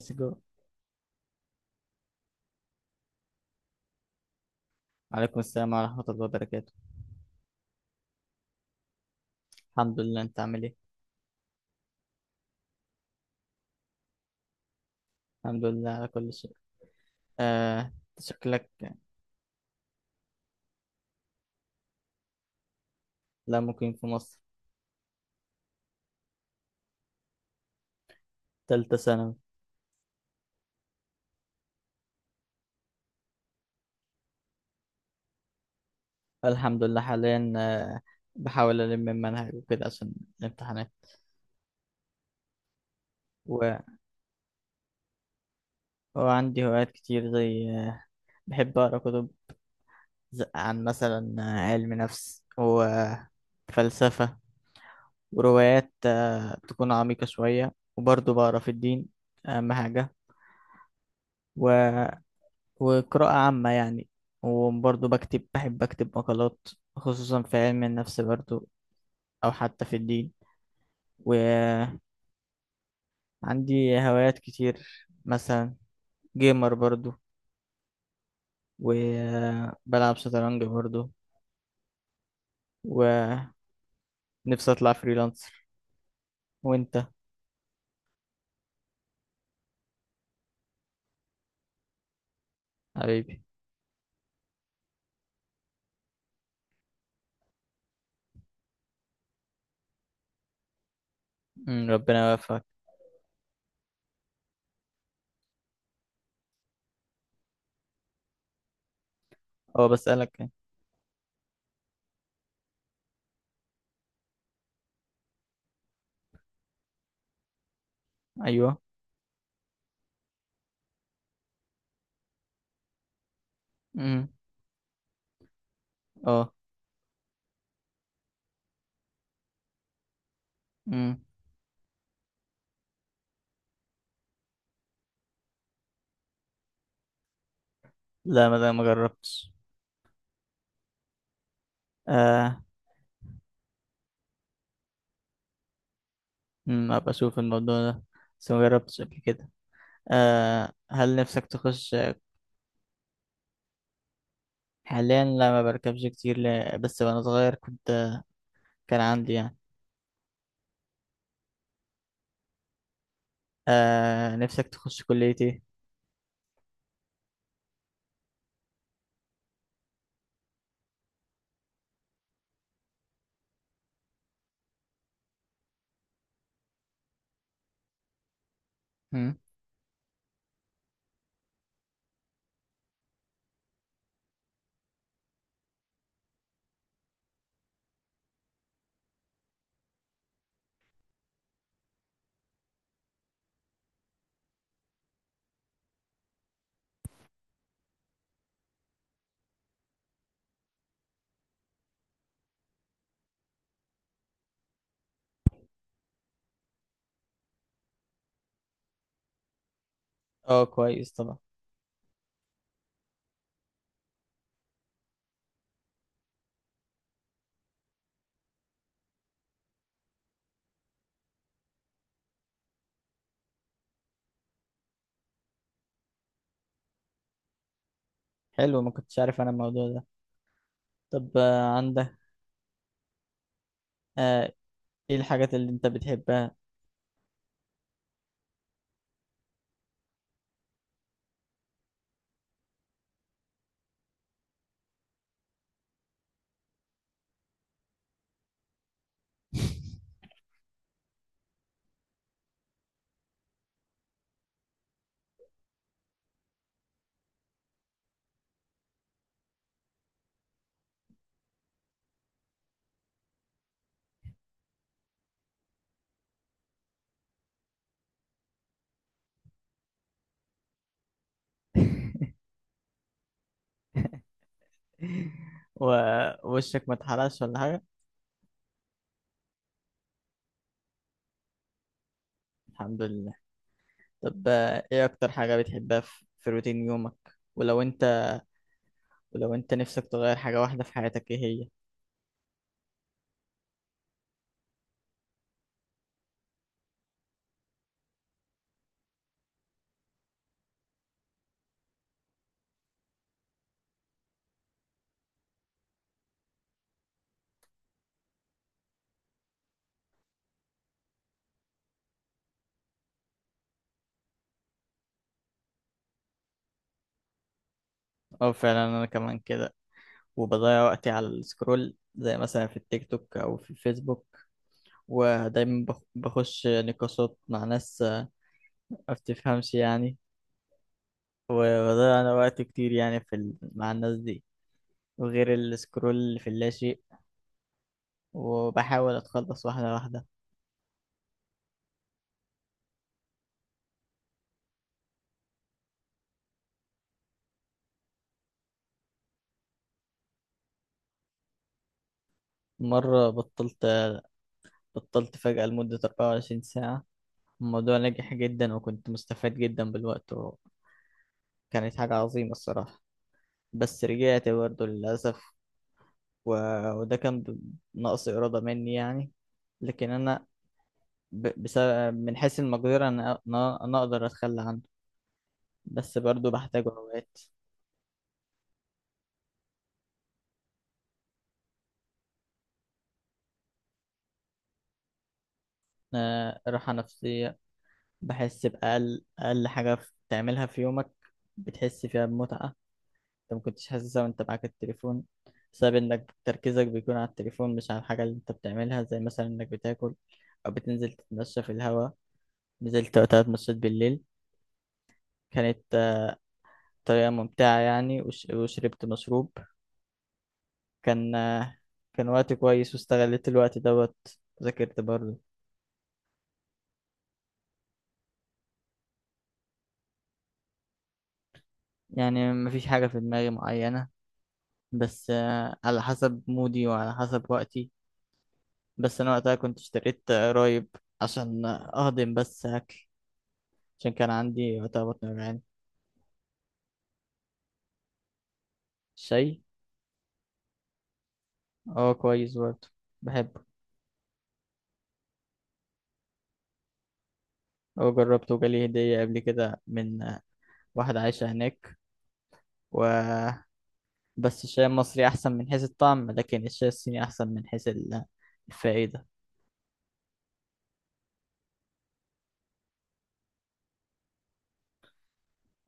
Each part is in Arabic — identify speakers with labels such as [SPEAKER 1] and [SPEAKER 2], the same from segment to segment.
[SPEAKER 1] السلام. عليكم السلام ورحمة الله وبركاته. الحمد لله، انت عامل ايه؟ الحمد لله على كل شيء. آه. شكلك. لا، مقيم في مصر. تالتة ثانوي. الحمد لله حاليا آه. بحاول ألم المنهج وكده عشان الامتحانات. و... وعندي هوايات كتير زي بحب أقرأ كتب عن مثلا علم نفس وفلسفة، وروايات تكون عميقة شوية، وبرضه بقرأ في الدين، أهم حاجة. و... وقراءة عامة يعني. وبرضه بكتب، بحب أكتب مقالات خصوصا في علم النفس برضه، أو حتى في الدين. وعندي هوايات كتير مثلا جيمر برضه، وبلعب شطرنج برضه. ونفسي أطلع فريلانسر. وأنت؟ حبيبي. ربنا يوفقك. أه بسألك يعني. أيوه. أمم، أه. أمم. لا، ما ده ما جربتش. آه. أبقى أشوف الموضوع ده، بس ما جربتش قبل كده. آه، هل نفسك تخش؟ حاليا لا، ما بركبش كتير، لا، بس وانا صغير كنت، كان عندي يعني. آه، نفسك تخش كلية ايه؟ هم؟ اه، كويس طبعا. حلو، ما كنتش عارف انا الموضوع ده. طب آه، عندك آه ايه الحاجات اللي انت بتحبها؟ ووشك ما اتحرقش ولا حاجة؟ الحمد لله. طب آه ايه اكتر حاجة بتحبها في، في روتين يومك؟ ولو انت ولو انت نفسك تغير حاجة واحدة في حياتك، ايه هي؟ اه فعلا، انا كمان كده. وبضيع وقتي على السكرول زي مثلا في التيك توك أو في الفيسبوك. ودايما بخش نقاشات مع ناس ما بتفهمش يعني. وبضيع أنا وقت كتير يعني مع الناس دي. وغير السكرول في اللاشيء. وبحاول أتخلص واحدة واحدة. مرة بطلت، بطلت فجأة لمدة 24 ساعة. الموضوع نجح جدا وكنت مستفاد جدا بالوقت، وكانت حاجة عظيمة الصراحة. بس رجعت برضه للأسف. وده كان نقص إرادة مني يعني. لكن أنا بسبب من حيث المقدرة أنا أنا أقدر أتخلى عنه، بس برضو بحتاجه أوقات. آه، راحة نفسية. بحس بأقل أقل حاجة تعملها في يومك بتحس فيها بمتعة، أنت مكنتش حاسسها وأنت معاك التليفون، بسبب إنك تركيزك بيكون على التليفون مش على الحاجة اللي أنت بتعملها، زي مثلا إنك بتاكل أو بتنزل تتمشى في الهوا. نزلت وقتها اتمشيت بالليل، كانت بطريقة ممتعة يعني. وشربت مشروب، كان آه، كان وقت كويس، واستغليت الوقت دوت. ذاكرت برضه. يعني مفيش حاجة في دماغي معينة، بس آه، على حسب مودي وعلى حسب وقتي. بس أنا وقتها كنت اشتريت قرايب عشان أهضم بس أكل، عشان كان عندي وقتها بطن وجعان. شاي. اه كويس برضه، بحبه. هو جربته وجالي هدية قبل كده من آه، واحدة عايشة هناك. و بس الشاي المصري أحسن من حيث الطعم، لكن الشاي الصيني أحسن من حيث الفائدة.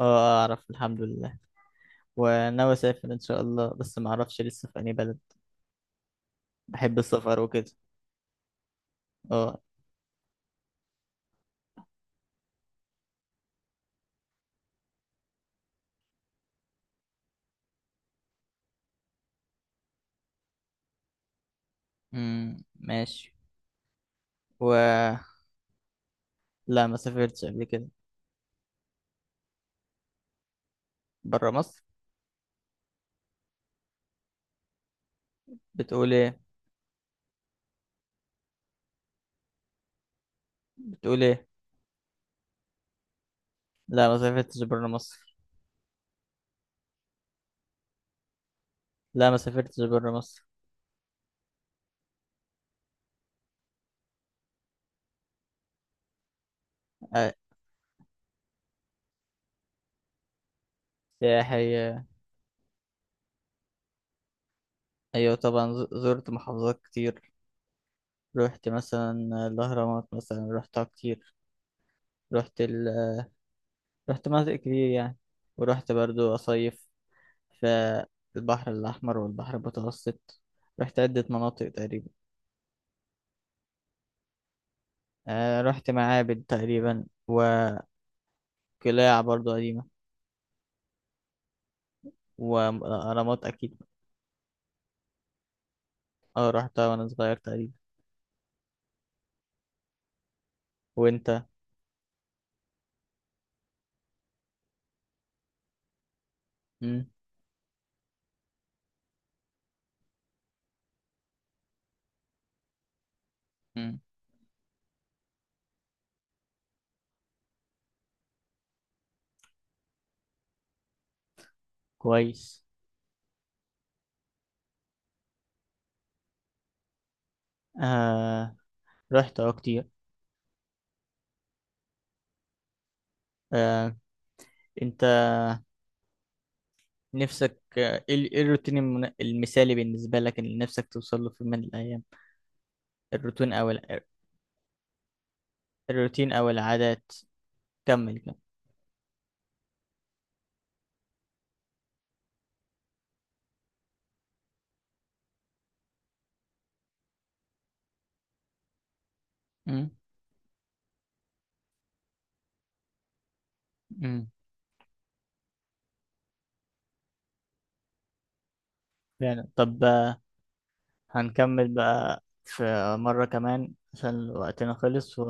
[SPEAKER 1] آه، أعرف الحمد لله. وناوي أسافر إن شاء الله، بس ما أعرفش لسه في أي بلد. بحب السفر وكده. أه. أمم، ماشي. و لا، ما سافرتش قبل كده. برا مصر. بتقول إيه؟ بتقول إيه؟ لا، ما سافرتش برا مصر. لا، ما سافرتش برا مصر. آه، سياحي آه، أيوة طبعا. زرت محافظات كتير. رحت مثلا الأهرامات مثلا، رحتها كتير. رحت رحت مناطق كتير يعني. ورحت برضو أصيف في البحر الأحمر والبحر المتوسط. رحت عدة مناطق تقريبا. آه رحت معابد تقريبا، وقلاع برضو قديمة، وأهرامات أكيد. اه رحتها وأنا صغير تقريبا. وأنت؟ مم. مم. كويس. آه رحت اه كتير. آه، أنت نفسك آه، إيه إيه الروتين المثالي بالنسبة لك اللي نفسك توصل له في يوم من الأيام؟ الروتين أو الع- الروتين أو العادات. كمل كمل. مم. امم. فعلا. طب آه، هنكمل بقى في مرة كمان عشان وقتنا خلص.